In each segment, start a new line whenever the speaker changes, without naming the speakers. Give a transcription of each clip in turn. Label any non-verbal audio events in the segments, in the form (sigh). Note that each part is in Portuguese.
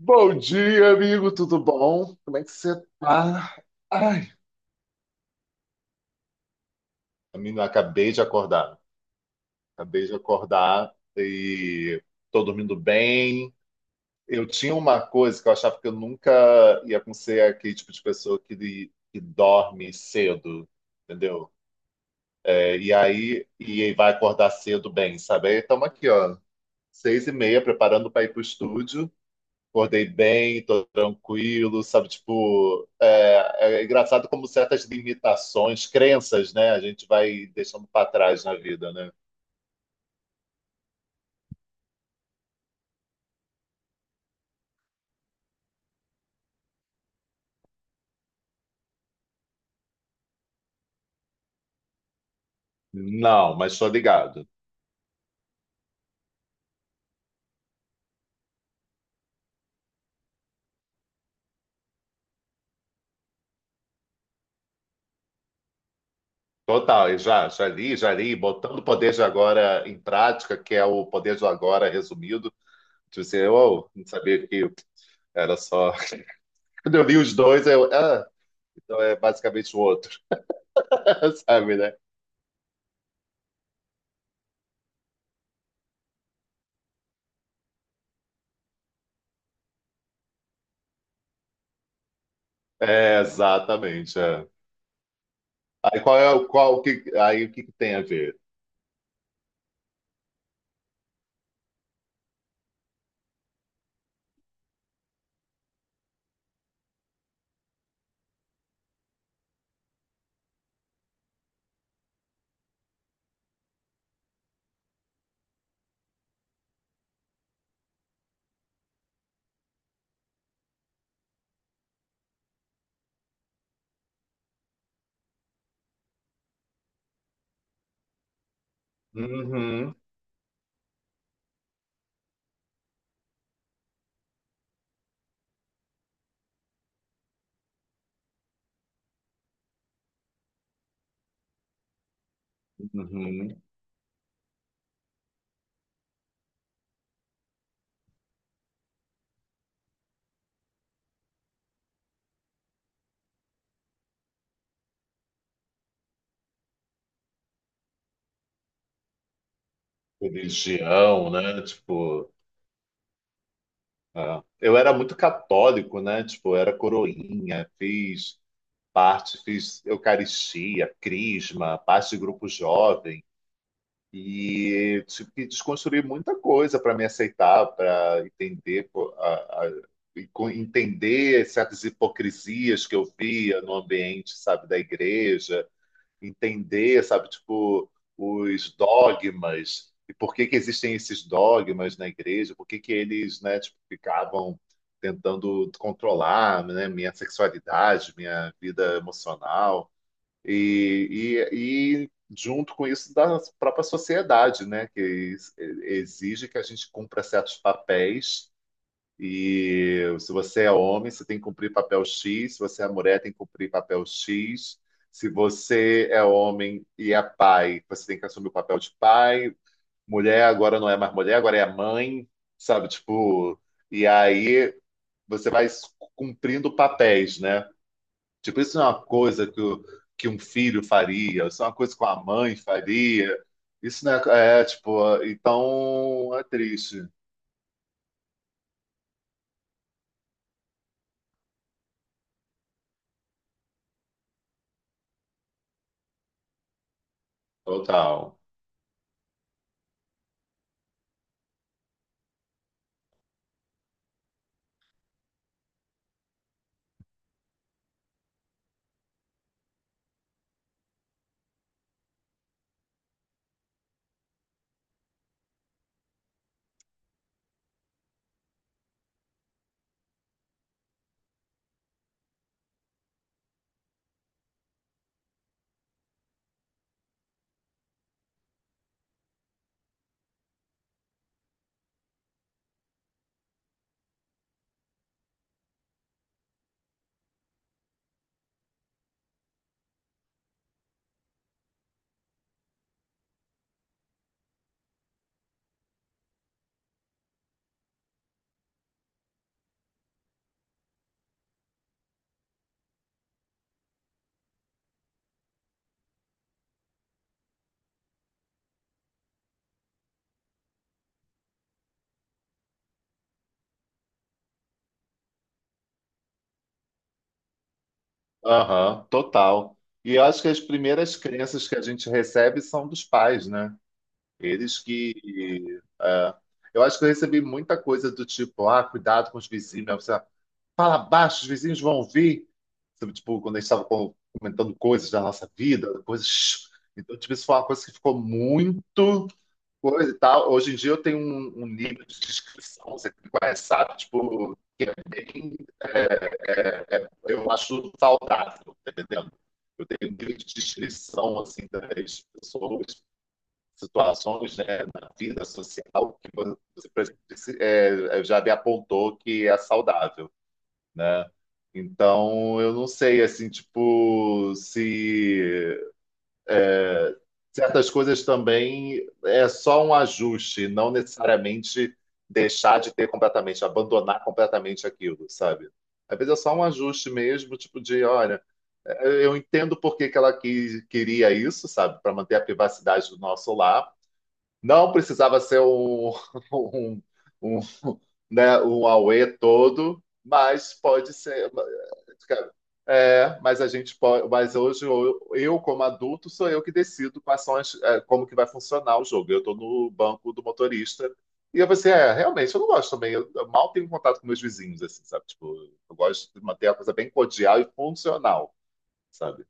Bom dia, amigo, tudo bom? Como é que você tá? Ai, menino, acabei de acordar. Acabei de acordar e tô dormindo bem. Eu tinha uma coisa que eu achava que eu nunca ia conseguir aquele tipo de pessoa que dorme cedo, entendeu? E aí e vai acordar cedo bem, sabe? Aí estamos aqui, ó, 6:30, preparando para ir pro estúdio. Acordei bem, tô tranquilo, sabe? Tipo, é engraçado como certas limitações, crenças, né? A gente vai deixando para trás na vida, né? Não, mas tô ligado. Total, e já li, botando o poder de agora em prática, que é o poder de agora resumido. Tipo assim, eu oh, não sabia que era só. (laughs) Quando eu li os dois, eu. Ah, então é basicamente o outro, (laughs) sabe, né? É, exatamente. É. Aí, qual é o qual o que aí o que que tem a ver? Uhum, uhum. Religião, né? Tipo, é. Eu era muito católico, né? Tipo, eu era coroinha, fiz parte, fiz Eucaristia, Crisma, parte de grupo jovem e tive que desconstruir muita coisa para me aceitar, para entender pô, a- entender certas hipocrisias que eu via no ambiente, sabe, da igreja entender, sabe, tipo, os dogmas e por que que existem esses dogmas na igreja, por que que eles, né, tipo, ficavam tentando controlar, né, minha sexualidade, minha vida emocional e, junto com isso da própria sociedade, né, que exige que a gente cumpra certos papéis e se você é homem, você tem que cumprir papel X, se você é mulher, tem que cumprir papel X. Se você é homem e é pai, você tem que assumir o papel de pai. Mulher agora não é mais mulher, agora é mãe, sabe? Tipo, e aí você vai cumprindo papéis, né? Tipo, isso não é uma coisa que, que um filho faria, isso é uma coisa que uma mãe faria. Isso não é, é tipo, então é triste, total. Aham, total. E eu acho que as primeiras crenças que a gente recebe são dos pais, né? Eles que. É. Eu acho que eu recebi muita coisa do tipo, ah, cuidado com os vizinhos. Né? Você fala baixo, os vizinhos vão ouvir. Sabe, tipo, quando a gente estava comentando coisas da nossa vida, coisas. Então, tipo, isso foi uma coisa que ficou muito coisa e tal. Hoje em dia eu tenho um nível de descrição, você me conhece, sabe? Tipo, que é bem. é, eu acho saudável, tá entendendo? Eu tenho um nível de descrição, assim, das pessoas, situações, né, na vida social que você já me apontou que é saudável, né? Então, eu não sei, assim, tipo, se certas coisas também é só um ajuste, não necessariamente deixar de ter completamente, abandonar completamente aquilo, sabe? Às vezes é só um ajuste mesmo, tipo de, olha, eu entendo por que que ela quis, queria isso, sabe? Para manter a privacidade do nosso lar, não precisava ser um, (laughs) um, um, né, um auê todo, mas pode ser. É, mas a gente pode. Mas hoje eu, como adulto, sou eu que decido quais são as, é, como que vai funcionar o jogo. Eu estou no banco do motorista e eu pensei, é, realmente eu não gosto também. Eu mal tenho contato com meus vizinhos, assim, sabe? Tipo, eu gosto de manter a coisa bem cordial e funcional, sabe?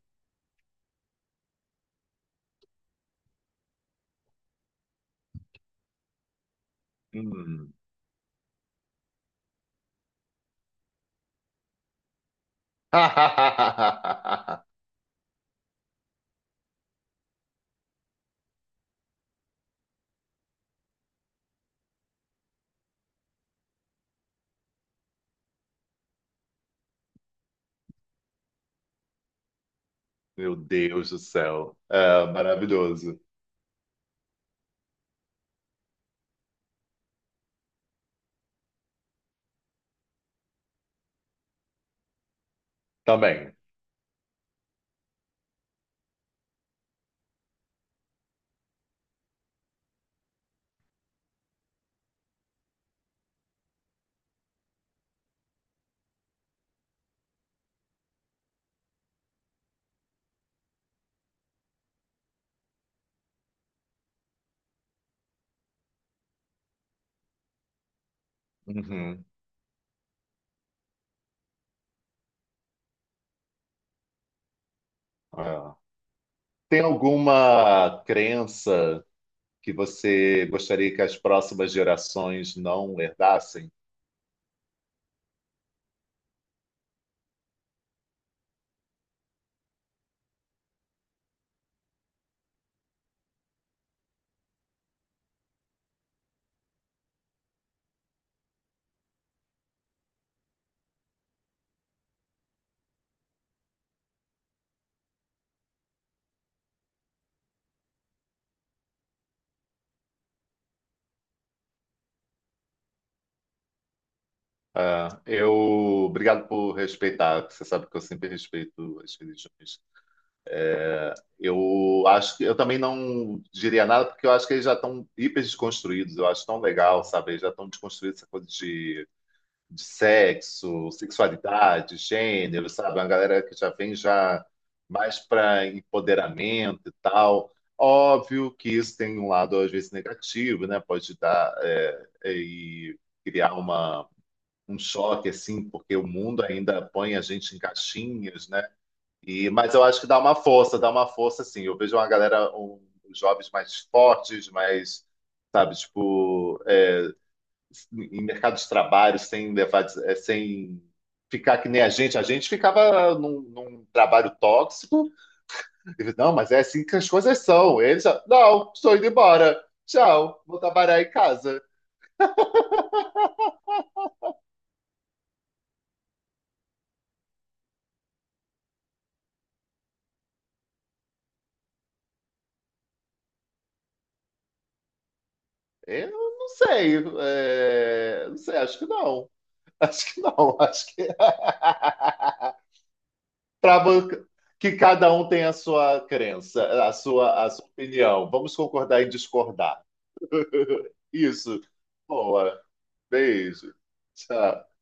Hum. (laughs) Meu Deus do céu. É, maravilhoso. Também. Uhum. É. Tem alguma crença que você gostaria que as próximas gerações não herdassem? É, eu. Obrigado por respeitar, que você sabe que eu sempre respeito as religiões. Eu acho que eu também não diria nada, porque eu acho que eles já estão hiper desconstruídos. Eu acho tão legal, sabe? Eles já estão desconstruídos essa coisa de sexo, sexualidade, gênero, sabe? Uma galera que já vem já mais para empoderamento e tal. Óbvio que isso tem um lado às vezes negativo, né? Pode dar e criar um choque assim, porque o mundo ainda põe a gente em caixinhas, né? E, mas eu acho que dá uma força assim. Eu vejo uma galera, um, os jovens mais fortes, mais, sabe, tipo, é, em mercados de trabalho sem levar, eh, sem ficar que nem a gente. A gente ficava num trabalho tóxico. E, não, mas é assim que as coisas são. Eles, já, não, estou indo embora. Tchau, vou trabalhar em casa. Eu não sei, eh, não sei, acho que não. Acho que não, (laughs) acho que. (laughs) Pra vo- que cada um tem a sua crença, a sua opinião. Vamos concordar em discordar. (laughs) Isso. Boa. Beijo. Tchau.